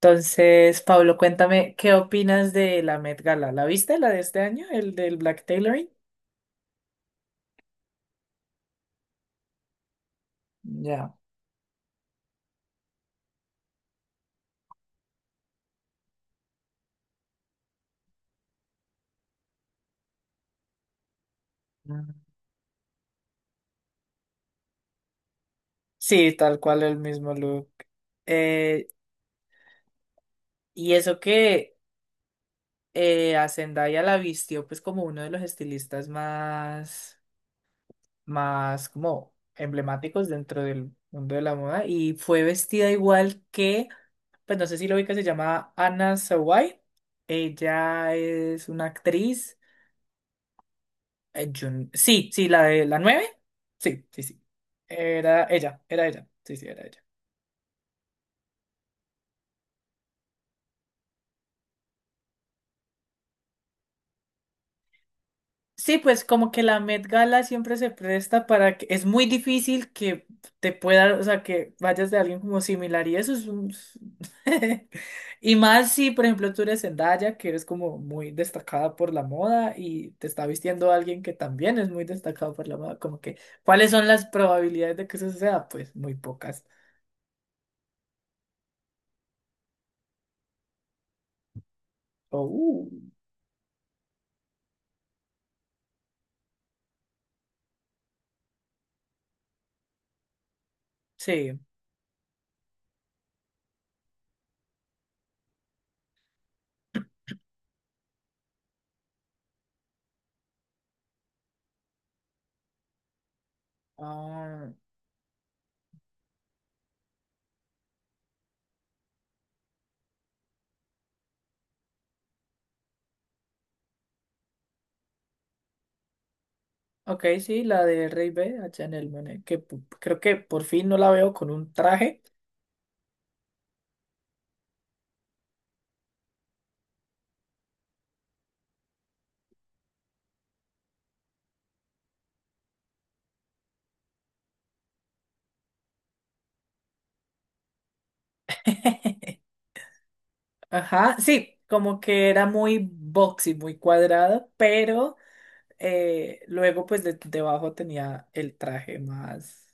Entonces, Pablo, cuéntame, ¿qué opinas de la Met Gala? ¿La viste, la de este año, el del Black Tailoring? Ya. Mm. Sí, tal cual el mismo look. Eh, y eso que a Zendaya la vistió pues como uno de los estilistas más, más como emblemáticos dentro del mundo de la moda y fue vestida igual que, pues no sé si lo ubicas, se llama Anna Sawai. Ella es una actriz. Sí, sí, la de la nueve. Sí, sí, sí. Era ella, era ella. Sí, sí, era ella. Sí, pues como que la Met Gala siempre se presta para que es muy difícil que te pueda, o sea, que vayas de alguien como similar y eso es un... Y más si, por ejemplo, tú eres Zendaya, que eres como muy destacada por la moda y te está vistiendo alguien que también es muy destacado por la moda, como que, ¿cuáles son las probabilidades de que eso sea? Pues muy pocas. Oh, uh, sí. Ah, ok, sí, la de Rey B, a Chanel Monáe, que pu- creo que por fin no la veo con un traje. Ajá, sí, como que era muy boxy, muy cuadrado, pero luego pues de- debajo tenía el traje más,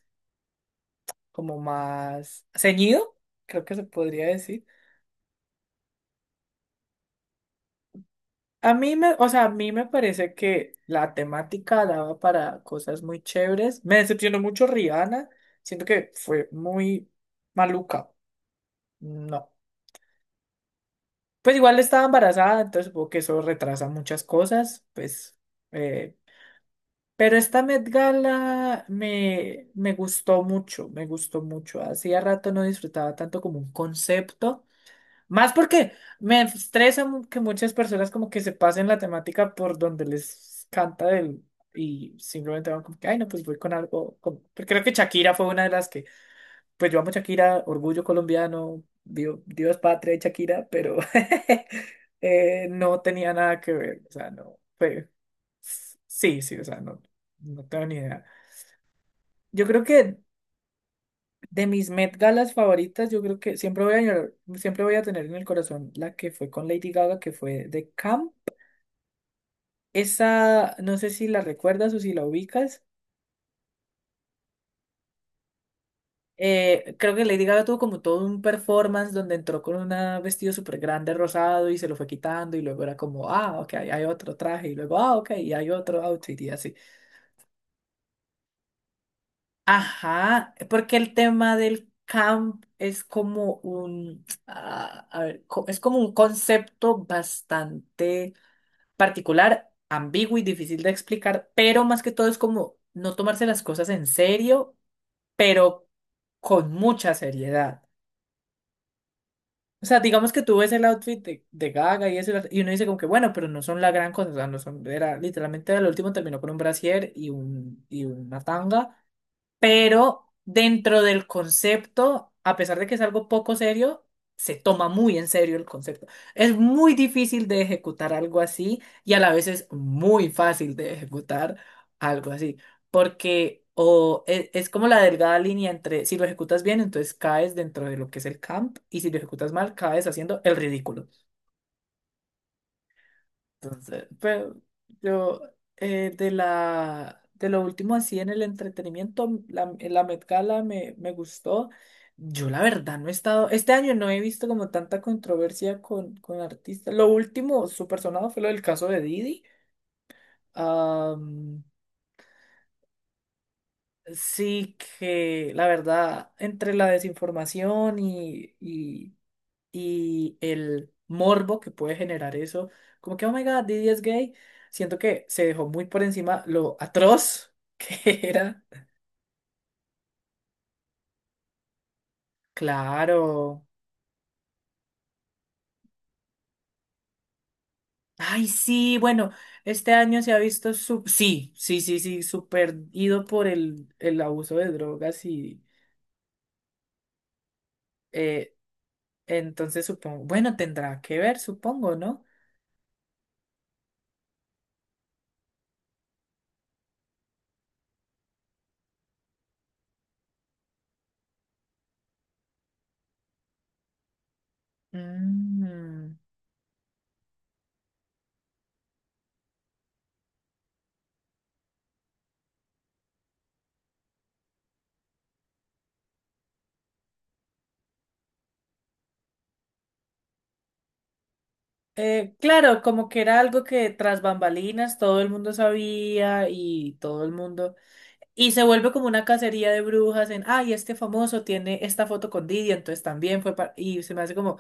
como más ceñido, creo que se podría decir. A mí me, o sea, a mí me parece que la temática daba para cosas muy chéveres. Me decepcionó mucho Rihanna, siento que fue muy maluca. No. Pues igual estaba embarazada, entonces supongo que eso retrasa muchas cosas, pues. eh, pero esta Met Gala me, me gustó mucho, me gustó mucho. Hacía rato no disfrutaba tanto como un concepto. Más porque me estresa mu- que muchas personas como que se pasen la temática por donde les canta del, y simplemente van como que, ay, no, pues voy con algo. Con-". Creo que Shakira fue una de las que pues yo amo Shakira, orgullo colombiano, Dios, Dios patria y Shakira, pero no tenía nada que ver, o sea, no, fue, sí, sí, o sea, no, no tengo ni idea. Yo creo que de mis Met Galas favoritas, yo creo que siempre voy a, llorar- siempre voy a tener en el corazón la que fue con Lady Gaga, que fue de Camp. Esa, no sé si la recuerdas o si la ubicas. Creo que Lady Gaga tuvo como todo un performance donde entró con un vestido súper grande rosado y se lo fue quitando y luego era como, ah, ok, hay otro traje y luego, ah, ok, y hay otro outfit y así. Ajá, porque el tema del camp es como un, ah, a ver, co- es como un concepto bastante particular, ambiguo y difícil de explicar, pero más que todo es como no tomarse las cosas en serio, pero con mucha seriedad. O sea, digamos que tú ves el outfit de Gaga y eso, y uno dice como que bueno, pero no son la gran cosa, o sea, no son, era literalmente el último terminó con un brasier y un, y una tanga pero dentro del concepto, a pesar de que es algo poco serio, se toma muy en serio el concepto. Es muy difícil de ejecutar algo así y a la vez es muy fácil de ejecutar algo así, porque o e- es, como la delgada línea entre si lo ejecutas bien, entonces caes dentro de lo que es el camp y si lo ejecutas mal, caes haciendo el ridículo. Entonces, pero yo de la de lo último así en el entretenimiento, la Met Gala me, me gustó. Yo la verdad no he estado, este año no he visto como tanta controversia con artistas. Lo último súper sonado fue lo del caso de Didi. Am, sí que la verdad, entre la desinformación y el morbo que puede generar eso, como que, oh my God, Diddy es gay, siento que se dejó muy por encima lo atroz que era. Claro. Ay, sí, bueno, este año se ha visto, su- sí, sí, sí, sí, súper ido por el abuso de drogas y eh, entonces supongo, bueno, tendrá que ver, supongo, ¿no? Mm. Claro, como que era algo que tras bambalinas todo el mundo sabía y todo el mundo. Y se vuelve como una cacería de brujas en, ay, este famoso tiene esta foto con Didi, entonces también fue para... Y se me hace como,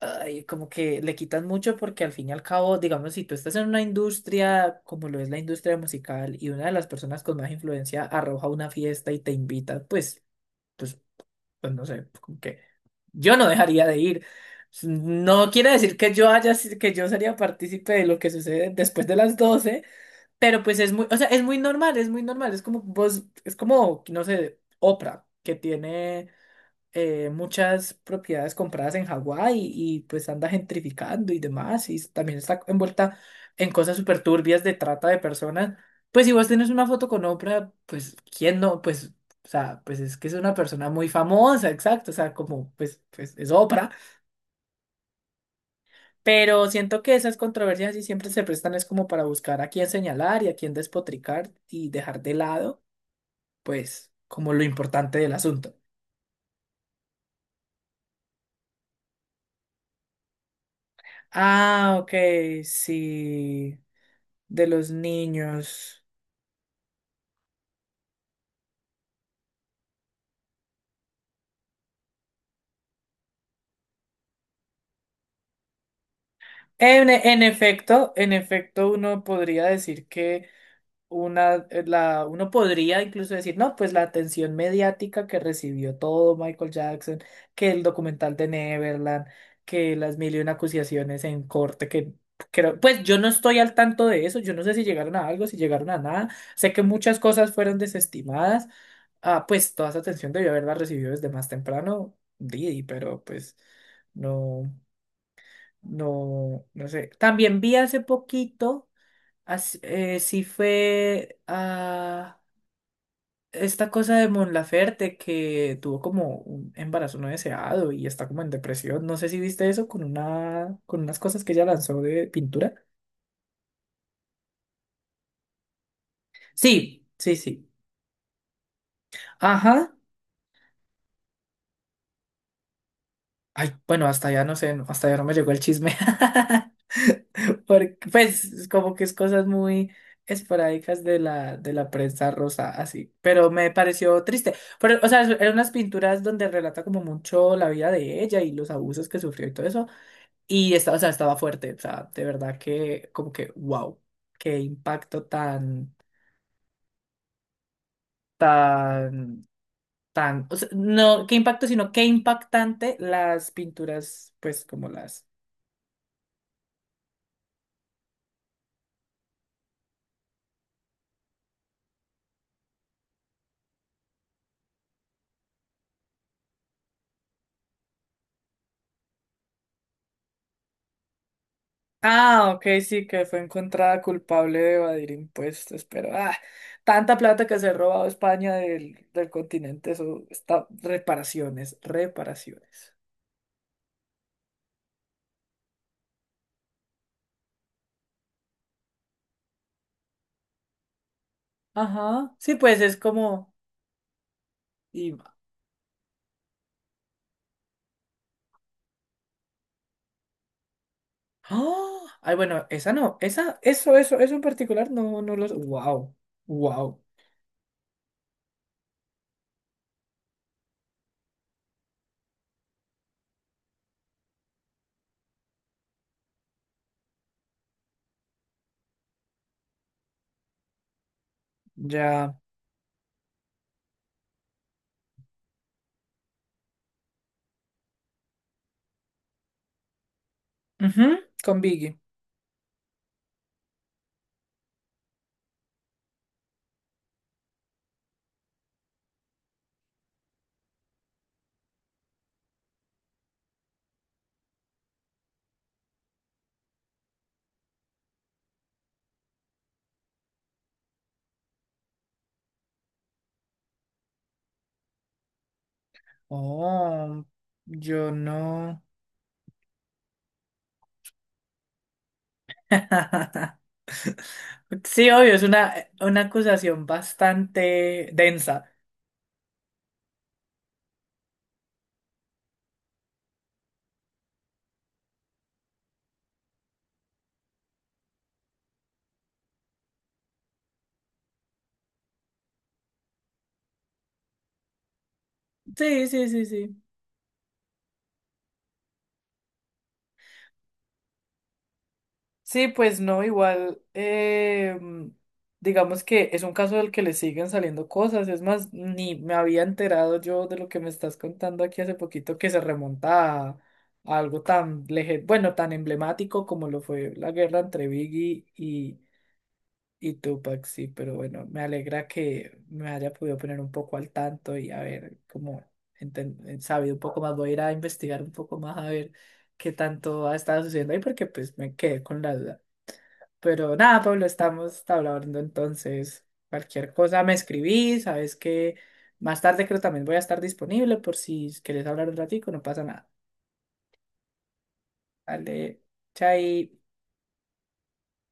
ay, como que le quitan mucho porque al fin y al cabo, digamos, si tú estás en una industria como lo es la industria musical y una de las personas con más influencia arroja una fiesta y te invita, pues, pues, pues no sé, como que yo no dejaría de ir. No quiere decir que yo haya, si, que yo sería partícipe de lo que sucede después de las 12 pero pues es muy, o sea, es muy normal, es muy normal. Es como vos, es como, no sé, Oprah, que tiene muchas propiedades compradas en Hawái y pues anda gentrificando y demás. Y también está envuelta en cosas súper turbias de trata de personas. Pues si vos tenés una foto con Oprah, pues quién no, pues, o sea, pues es que es una persona muy famosa, exacto. O sea, como, pues, pues es Oprah. Pero siento que esas controversias sí siempre se prestan es como para buscar a quién señalar y a quién despotricar y dejar de lado, pues, como lo importante del asunto. Ah, ok, sí, de los niños. En efecto, uno podría decir que una, la, uno podría incluso decir, no, pues la atención mediática que recibió todo Michael Jackson, que el documental de Neverland, que las mil y una acusaciones en corte, que creo, pues yo no estoy al tanto de eso, yo no sé si llegaron a algo, si llegaron a nada, sé que muchas cosas fueron desestimadas, ah, pues toda esa atención debió haberla recibido desde más temprano, Didi, pero pues no, no, no sé. También vi hace poquito. As- sí fue a esta cosa de Mon Laferte que tuvo como un embarazo no deseado y está como en depresión. No sé si viste eso con una, con unas cosas que ella lanzó de pintura. Sí, sí, sí. Ajá. Ay, bueno, hasta allá no sé, no- hasta allá no me llegó el chisme. Porque, pues, como que es cosas muy esporádicas de la prensa rosa, así. Pero me pareció triste. Pero, o sea, eran unas pinturas donde relata como mucho la vida de ella y los abusos que sufrió y todo eso. Y esta, o sea, estaba fuerte. O sea, de verdad que, como que, wow, qué impacto tan, tan, tan, o sea, no, qué impacto, sino qué impactante las pinturas, pues, como las. Ah, ok, sí, que fue encontrada culpable de evadir impuestos, pero ah, tanta plata que se ha robado España del, del continente, eso está, reparaciones, reparaciones. Ajá, sí, pues es como, y, ¡Ah! Ay, bueno, esa no, esa, eso en particular, no, no los, wow, wow, ya, ujú, con Biggie. Oh, yo no. Sí, obvio, es una acusación bastante densa. Sí, sí, sí, sí. Sí, pues no, igual, digamos que es un caso del que le siguen saliendo cosas, es más, ni me había enterado yo de lo que me estás contando aquí hace poquito que se remonta a algo tan, lege- bueno, tan emblemático como lo fue la guerra entre Biggie y Tupac, sí, pero bueno, me alegra que me haya podido poner un poco al tanto y a ver cómo enten- sabido un poco más. Voy a ir a investigar un poco más a ver qué tanto ha estado sucediendo ahí, porque pues me quedé con la duda. Pero nada, Pablo, estamos hablando entonces. Cualquier cosa me escribí, sabes que más tarde creo también voy a estar disponible por si quieres hablar un ratico, no pasa nada. Dale, chai.